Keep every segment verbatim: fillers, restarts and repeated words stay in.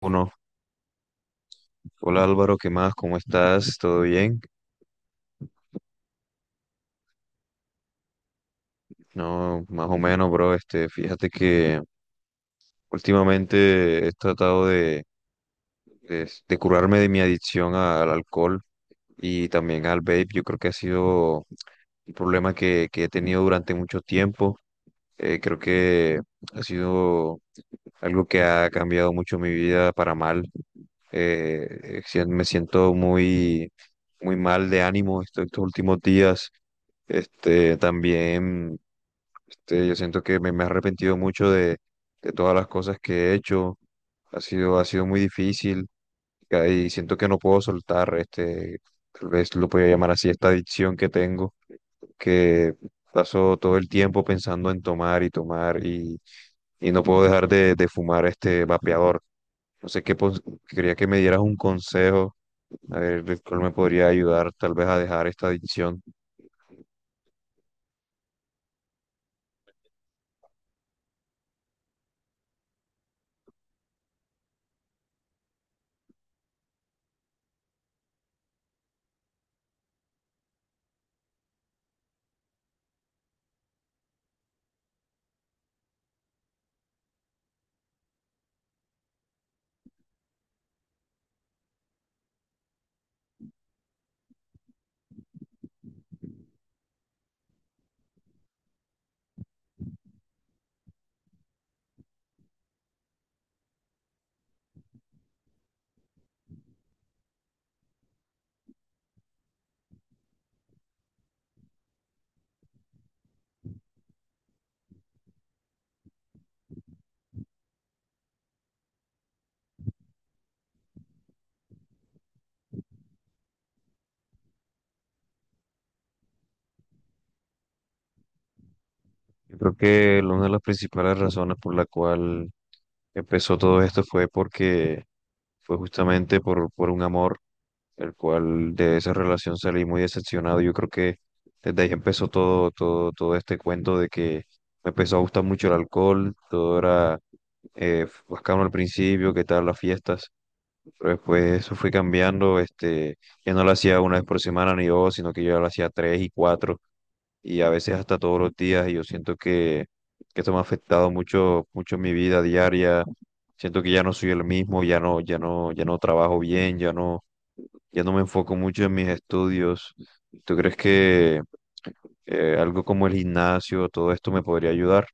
Uno, hola Álvaro, ¿qué más? ¿Cómo estás? ¿Todo bien? No, más o menos, bro. Este, fíjate que Últimamente he tratado de, de, de curarme de mi adicción al alcohol y también al vape. Yo creo que ha sido un problema que, que he tenido durante mucho tiempo. Eh, creo que ha sido algo que ha cambiado mucho mi vida para mal. Eh, si- me siento muy, muy mal de ánimo esto- estos últimos días. Este, también este, yo siento que me, me he arrepentido mucho de todas las cosas que he hecho. Ha sido, ha sido muy difícil ca- y siento que no puedo soltar este, tal vez lo podría llamar así, esta adicción que tengo, que paso todo el tiempo pensando en tomar y tomar y, y no puedo dejar de, de fumar este vapeador. No sé qué, pos- quería que me dieras un consejo, a ver de cuál me podría ayudar tal vez a dejar esta adicción. Yo creo que una de las principales razones por la cual empezó todo esto fue porque fue justamente por, por un amor, el cual de esa relación salí muy decepcionado. Yo creo que desde ahí empezó todo, todo, todo este cuento de que me empezó a gustar mucho el alcohol, todo era eh, bacano al principio, qué tal las fiestas, pero después eso fue cambiando, este, que no lo hacía una vez por semana ni dos, sino que yo ya lo hacía tres y cuatro y a veces hasta todos los días y yo siento que, que esto me ha afectado mucho, mucho en mi vida diaria. Siento que ya no soy el mismo, ya no, ya no, ya no trabajo bien, ya no, ya no me enfoco mucho en mis estudios. ¿Tú crees que eh, algo como el gimnasio, todo esto me podría ayudar?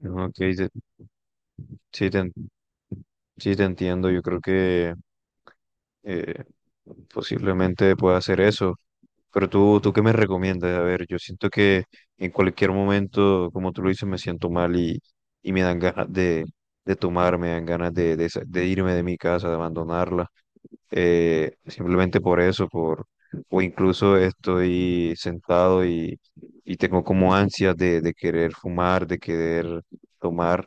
No, ok, te- sí te, en- sí te entiendo. Yo creo que eh, posiblemente pueda hacer eso. Pero tú, ¿tú qué me recomiendas? A ver, yo siento que en cualquier momento, como tú lo dices, me siento mal y, y me dan ganas de, de tomar, me dan ganas de, de, sa- de irme de mi casa, de abandonarla. Eh, simplemente por eso, por, o incluso estoy sentado y tengo como ansias de, de querer fumar, de querer tomar.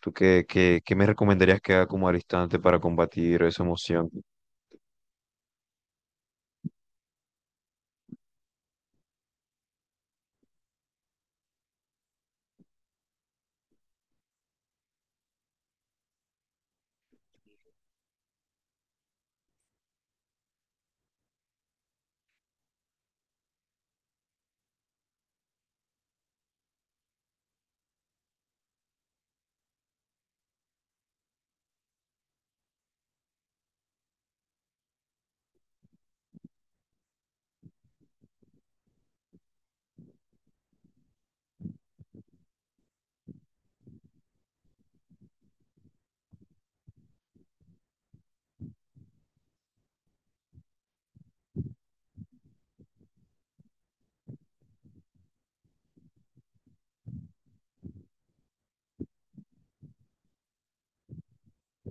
¿Tú qué, qué, qué me recomendarías que haga como al instante para combatir esa emoción?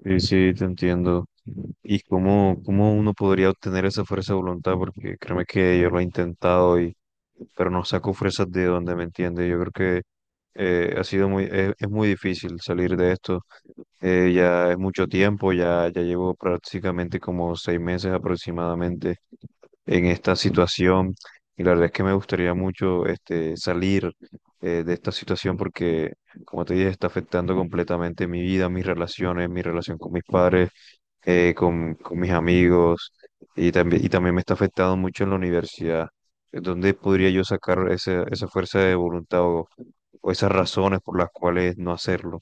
Sí, sí, te entiendo. ¿Y cómo, cómo uno podría obtener esa fuerza de voluntad? Porque créeme que yo lo he intentado y, pero no saco fuerzas de donde me entiende. Yo creo que eh, ha sido muy, es, es muy difícil salir de esto. Eh, ya es mucho tiempo, ya, ya llevo prácticamente como seis meses aproximadamente en esta situación. Y la verdad es que me gustaría mucho este, salir eh, de esta situación porque, como te dije, está afectando completamente mi vida, mis relaciones, mi relación con mis padres, eh, con, con mis amigos y también, y también me está afectando mucho en la universidad. ¿Dónde podría yo sacar ese- esa fuerza de voluntad o, o esas razones por las cuales no hacerlo?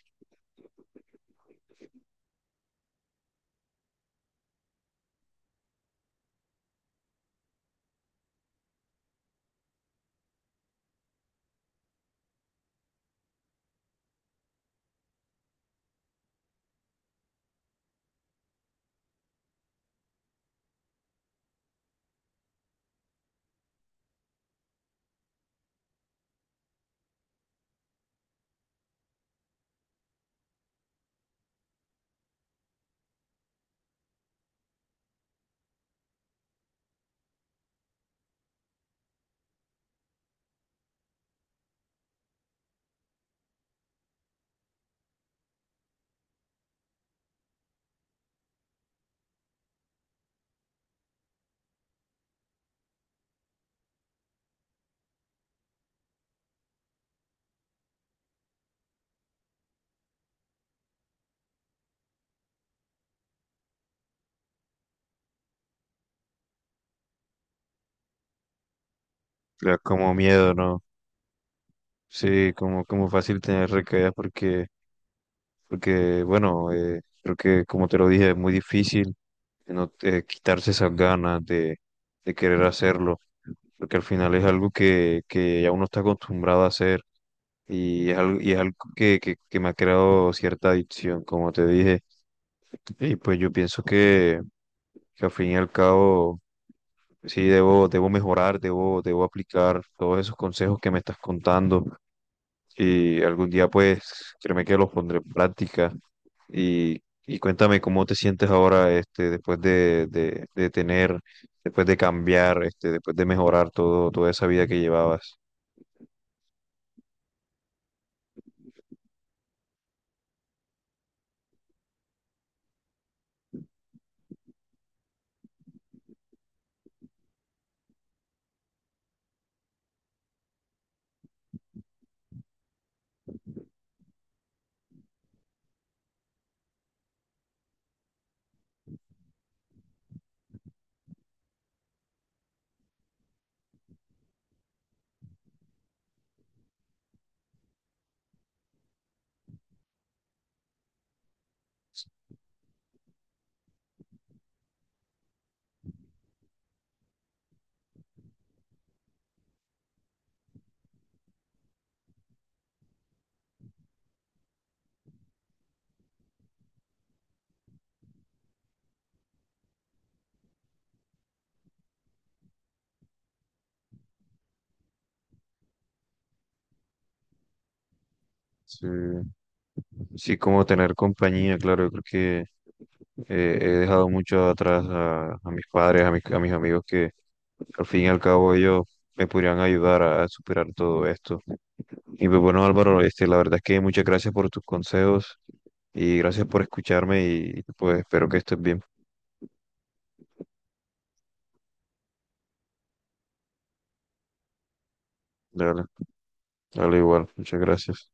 Le da como miedo, ¿no? Sí, como, como fácil tener recaídas porque porque bueno, eh, creo que como te lo dije, es muy difícil eh, no, eh, quitarse esas ganas de, de querer hacerlo, porque al final es algo que, que ya uno está acostumbrado a hacer y es algo, y es algo que, que, que me ha creado cierta adicción, como te dije, y pues yo pienso que, que al fin y al cabo... Sí, debo, debo mejorar, debo, debo aplicar todos esos consejos que me estás contando y algún día pues créeme que los pondré en práctica y, y cuéntame cómo te sientes ahora este, después de, de, de tener, después de cambiar, este, después de mejorar todo, toda esa vida que llevabas. Sí, sí, como tener compañía, claro, yo creo que eh, he dejado mucho atrás a, a mis padres, a mis, a mis amigos que al fin y al cabo ellos me podrían ayudar a, a superar todo esto. Y pues bueno, Álvaro, este, la verdad es que muchas gracias por tus consejos y gracias por escucharme y pues espero que estés bien. Dale, dale igual, muchas gracias.